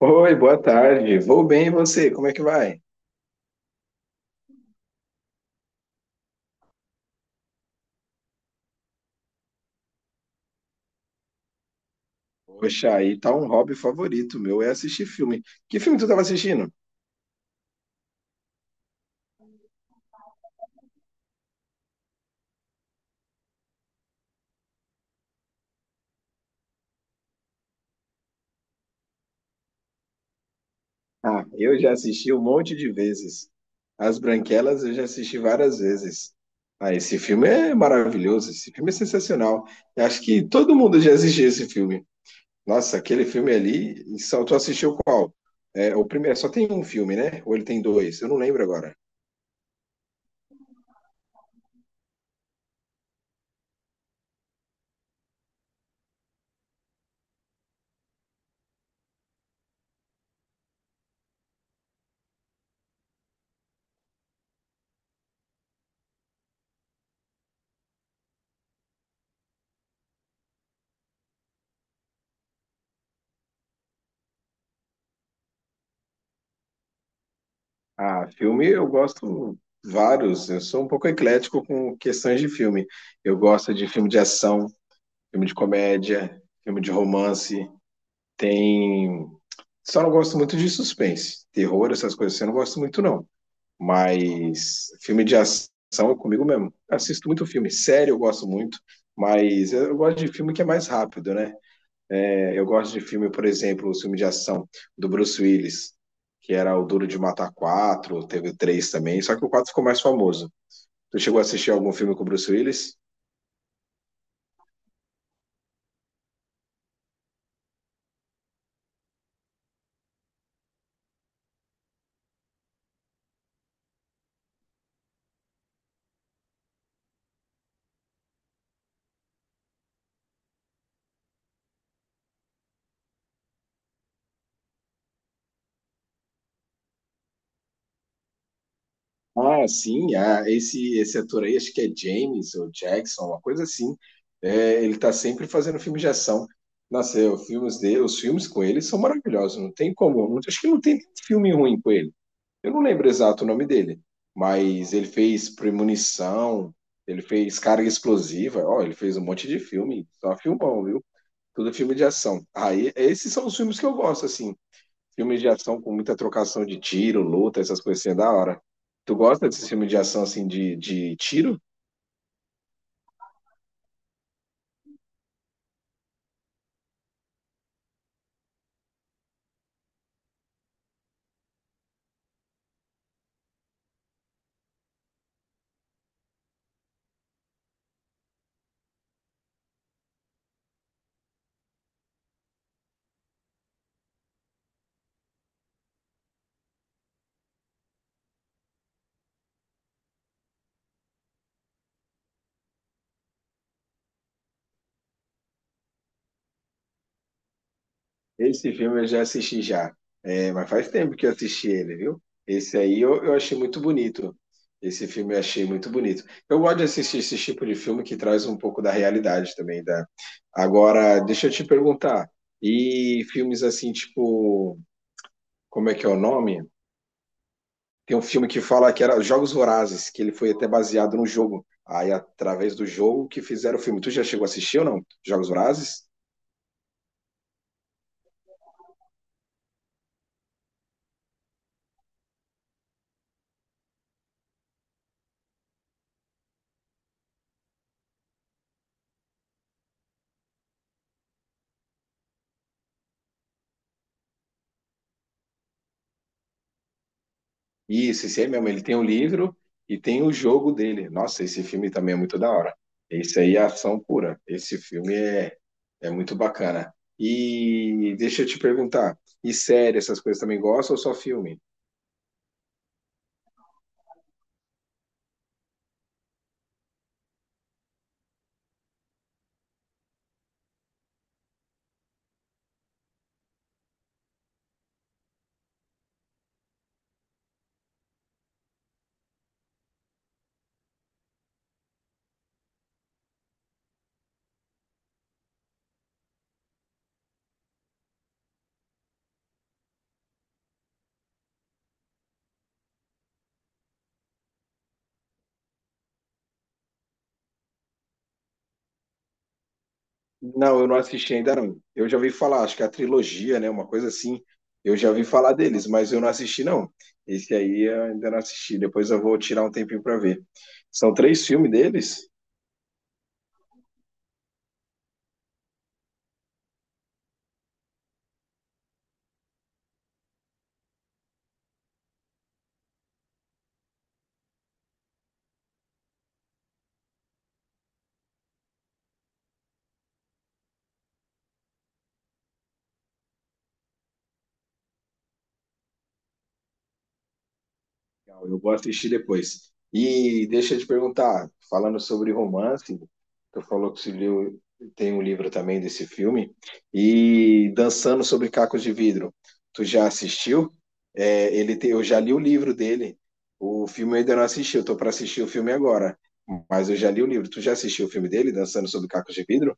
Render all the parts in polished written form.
Oi, boa tarde. Vou bem e você? Como é que vai? Poxa, aí tá um hobby favorito meu, é assistir filme. Que filme tu tava assistindo? Ah, eu já assisti um monte de vezes. As Branquelas eu já assisti várias vezes. Ah, esse filme é maravilhoso, esse filme é sensacional. Eu acho que todo mundo já assistiu esse filme. Nossa, aquele filme ali, e só tu assistiu qual? É, o primeiro, só tem um filme, né? Ou ele tem dois? Eu não lembro agora. Ah, filme eu gosto vários. Eu sou um pouco eclético com questões de filme. Eu gosto de filme de ação, filme de comédia, filme de romance. Tem. Só não gosto muito de suspense, terror, essas coisas, assim. Eu não gosto muito, não. Mas filme de ação é comigo mesmo. Assisto muito filme. Série eu gosto muito. Mas eu gosto de filme que é mais rápido, né? Eu gosto de filme, por exemplo, o filme de ação do Bruce Willis, que era o Duro de Matar 4, teve o 3 também, só que o 4 ficou mais famoso. Tu chegou a assistir algum filme com o Bruce Willis? Ah, sim, ah, esse ator aí, acho que é James ou Jackson, uma coisa assim. É, ele tá sempre fazendo filme de ação. Nossa, é, os filmes dele, os filmes com ele são maravilhosos, não tem como. Acho que não tem nenhum filme ruim com ele. Eu não lembro exato o nome dele, mas ele fez Premonição, ele fez Carga Explosiva, ó, ele fez um monte de filme, só filmão, viu? Tudo filme de ação. Aí, esses são os filmes que eu gosto, assim. Filmes de ação com muita trocação de tiro, luta, essas coisas assim, é da hora. Tu gosta desse filme de ação, assim, de tiro? Esse filme eu já assisti já. É, mas faz tempo que eu assisti ele, viu? Esse aí eu achei muito bonito. Esse filme eu achei muito bonito. Eu gosto de assistir esse tipo de filme que traz um pouco da realidade também, da. Agora, deixa eu te perguntar. E filmes assim, tipo, como é que é o nome? Tem um filme que fala que era Jogos Vorazes, que ele foi até baseado num jogo. Aí, através do jogo que fizeram o filme. Tu já chegou a assistir ou não? Jogos Vorazes? Isso, esse aí mesmo. Ele tem o livro e tem o jogo dele. Nossa, esse filme também é muito da hora. Esse aí é ação pura. Esse filme é muito bacana. E deixa eu te perguntar, e série, essas coisas também gostam ou só filme? Não, eu não assisti ainda não. Eu já ouvi falar, acho que é a trilogia, né, uma coisa assim. Eu já ouvi falar deles, mas eu não assisti não. Esse aí eu ainda não assisti. Depois eu vou tirar um tempinho para ver. São três filmes deles? Legal, eu vou assistir depois. E deixa eu te perguntar, falando sobre romance, tu falou que você leu, tem um livro também desse filme, e Dançando sobre Cacos de Vidro, tu já assistiu? É, ele tem, eu já li o livro dele. O filme eu ainda não assisti, eu tô para assistir o filme agora, mas eu já li o livro. Tu já assistiu o filme dele, Dançando sobre Cacos de Vidro?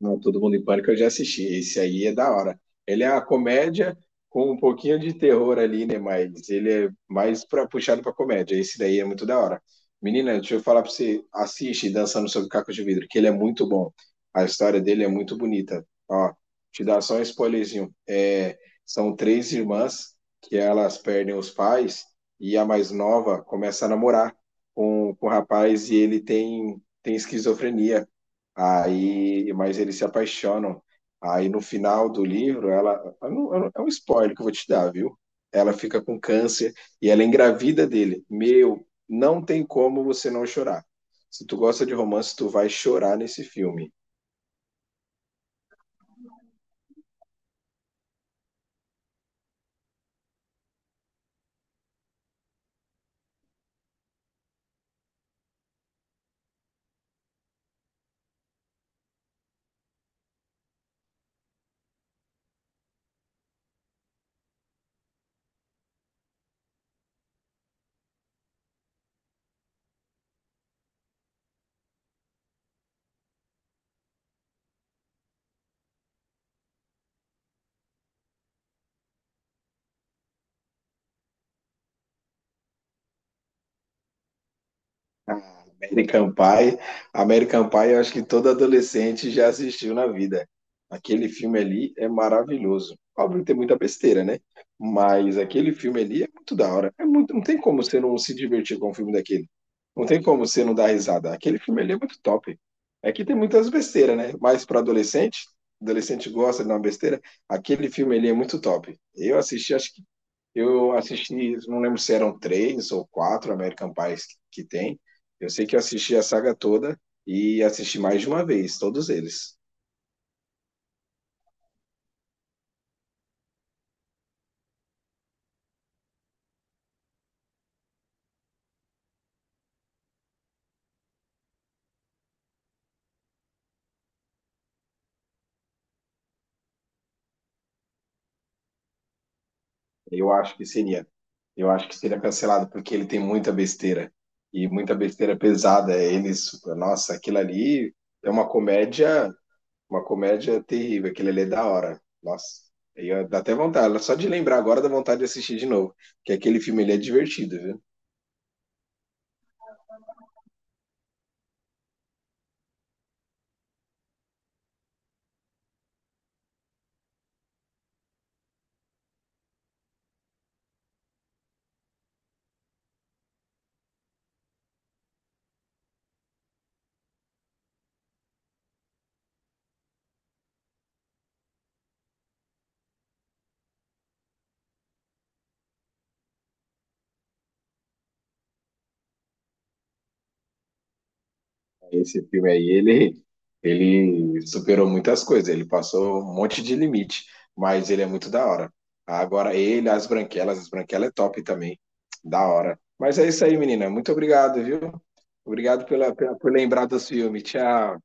Não, Todo Mundo em Pânico eu já assisti. Esse aí é da hora. Ele é uma comédia com um pouquinho de terror ali, né? Mas ele é mais pra, puxado pra comédia. Esse daí é muito da hora. Menina, deixa eu falar pra você. Assiste Dançando Sobre Caco de Vidro, que ele é muito bom. A história dele é muito bonita. Ó, te dar só um spoilerzinho. É, são três irmãs que elas perdem os pais e a mais nova começa a namorar com o rapaz e ele tem esquizofrenia. Aí, mas eles se apaixonam. Aí no final do livro, ela, eu não- é um spoiler que eu vou te dar, viu? Ela fica com câncer e ela engravida dele. Meu, não tem como você não chorar. Se tu gosta de romance, tu vai chorar nesse filme. Ah, American Pie. American Pie, eu acho que todo adolescente já assistiu na vida. Aquele filme ali é maravilhoso. Óbvio que tem muita besteira, né? Mas aquele filme ali é muito da hora. É muito, não tem como você não se divertir com um filme daquele. Não tem como você não dar risada. Aquele filme ali é muito top. É que tem muitas besteiras, né? Mas para adolescente, adolescente gosta de dar uma besteira, aquele filme ali é muito top. Eu assisti, acho que eu assisti, não lembro se eram três ou quatro American Pies que tem. Eu sei que eu assisti a saga toda e assisti mais de uma vez, todos eles. Eu acho que seria, eu acho que seria cancelado porque ele tem muita besteira e muita besteira pesada. Eles, nossa, aquilo ali é uma comédia terrível. Aquilo ali é da hora. Nossa, aí ó, dá até vontade. Só de lembrar agora dá vontade de assistir de novo, que aquele filme ele é divertido, viu? Esse filme aí, ele superou muitas coisas, ele passou um monte de limite, mas ele é muito da hora. Agora, As Branquelas, As Branquelas é top também, da hora. Mas é isso aí, menina. Muito obrigado, viu? Obrigado por lembrar dos filmes. Tchau.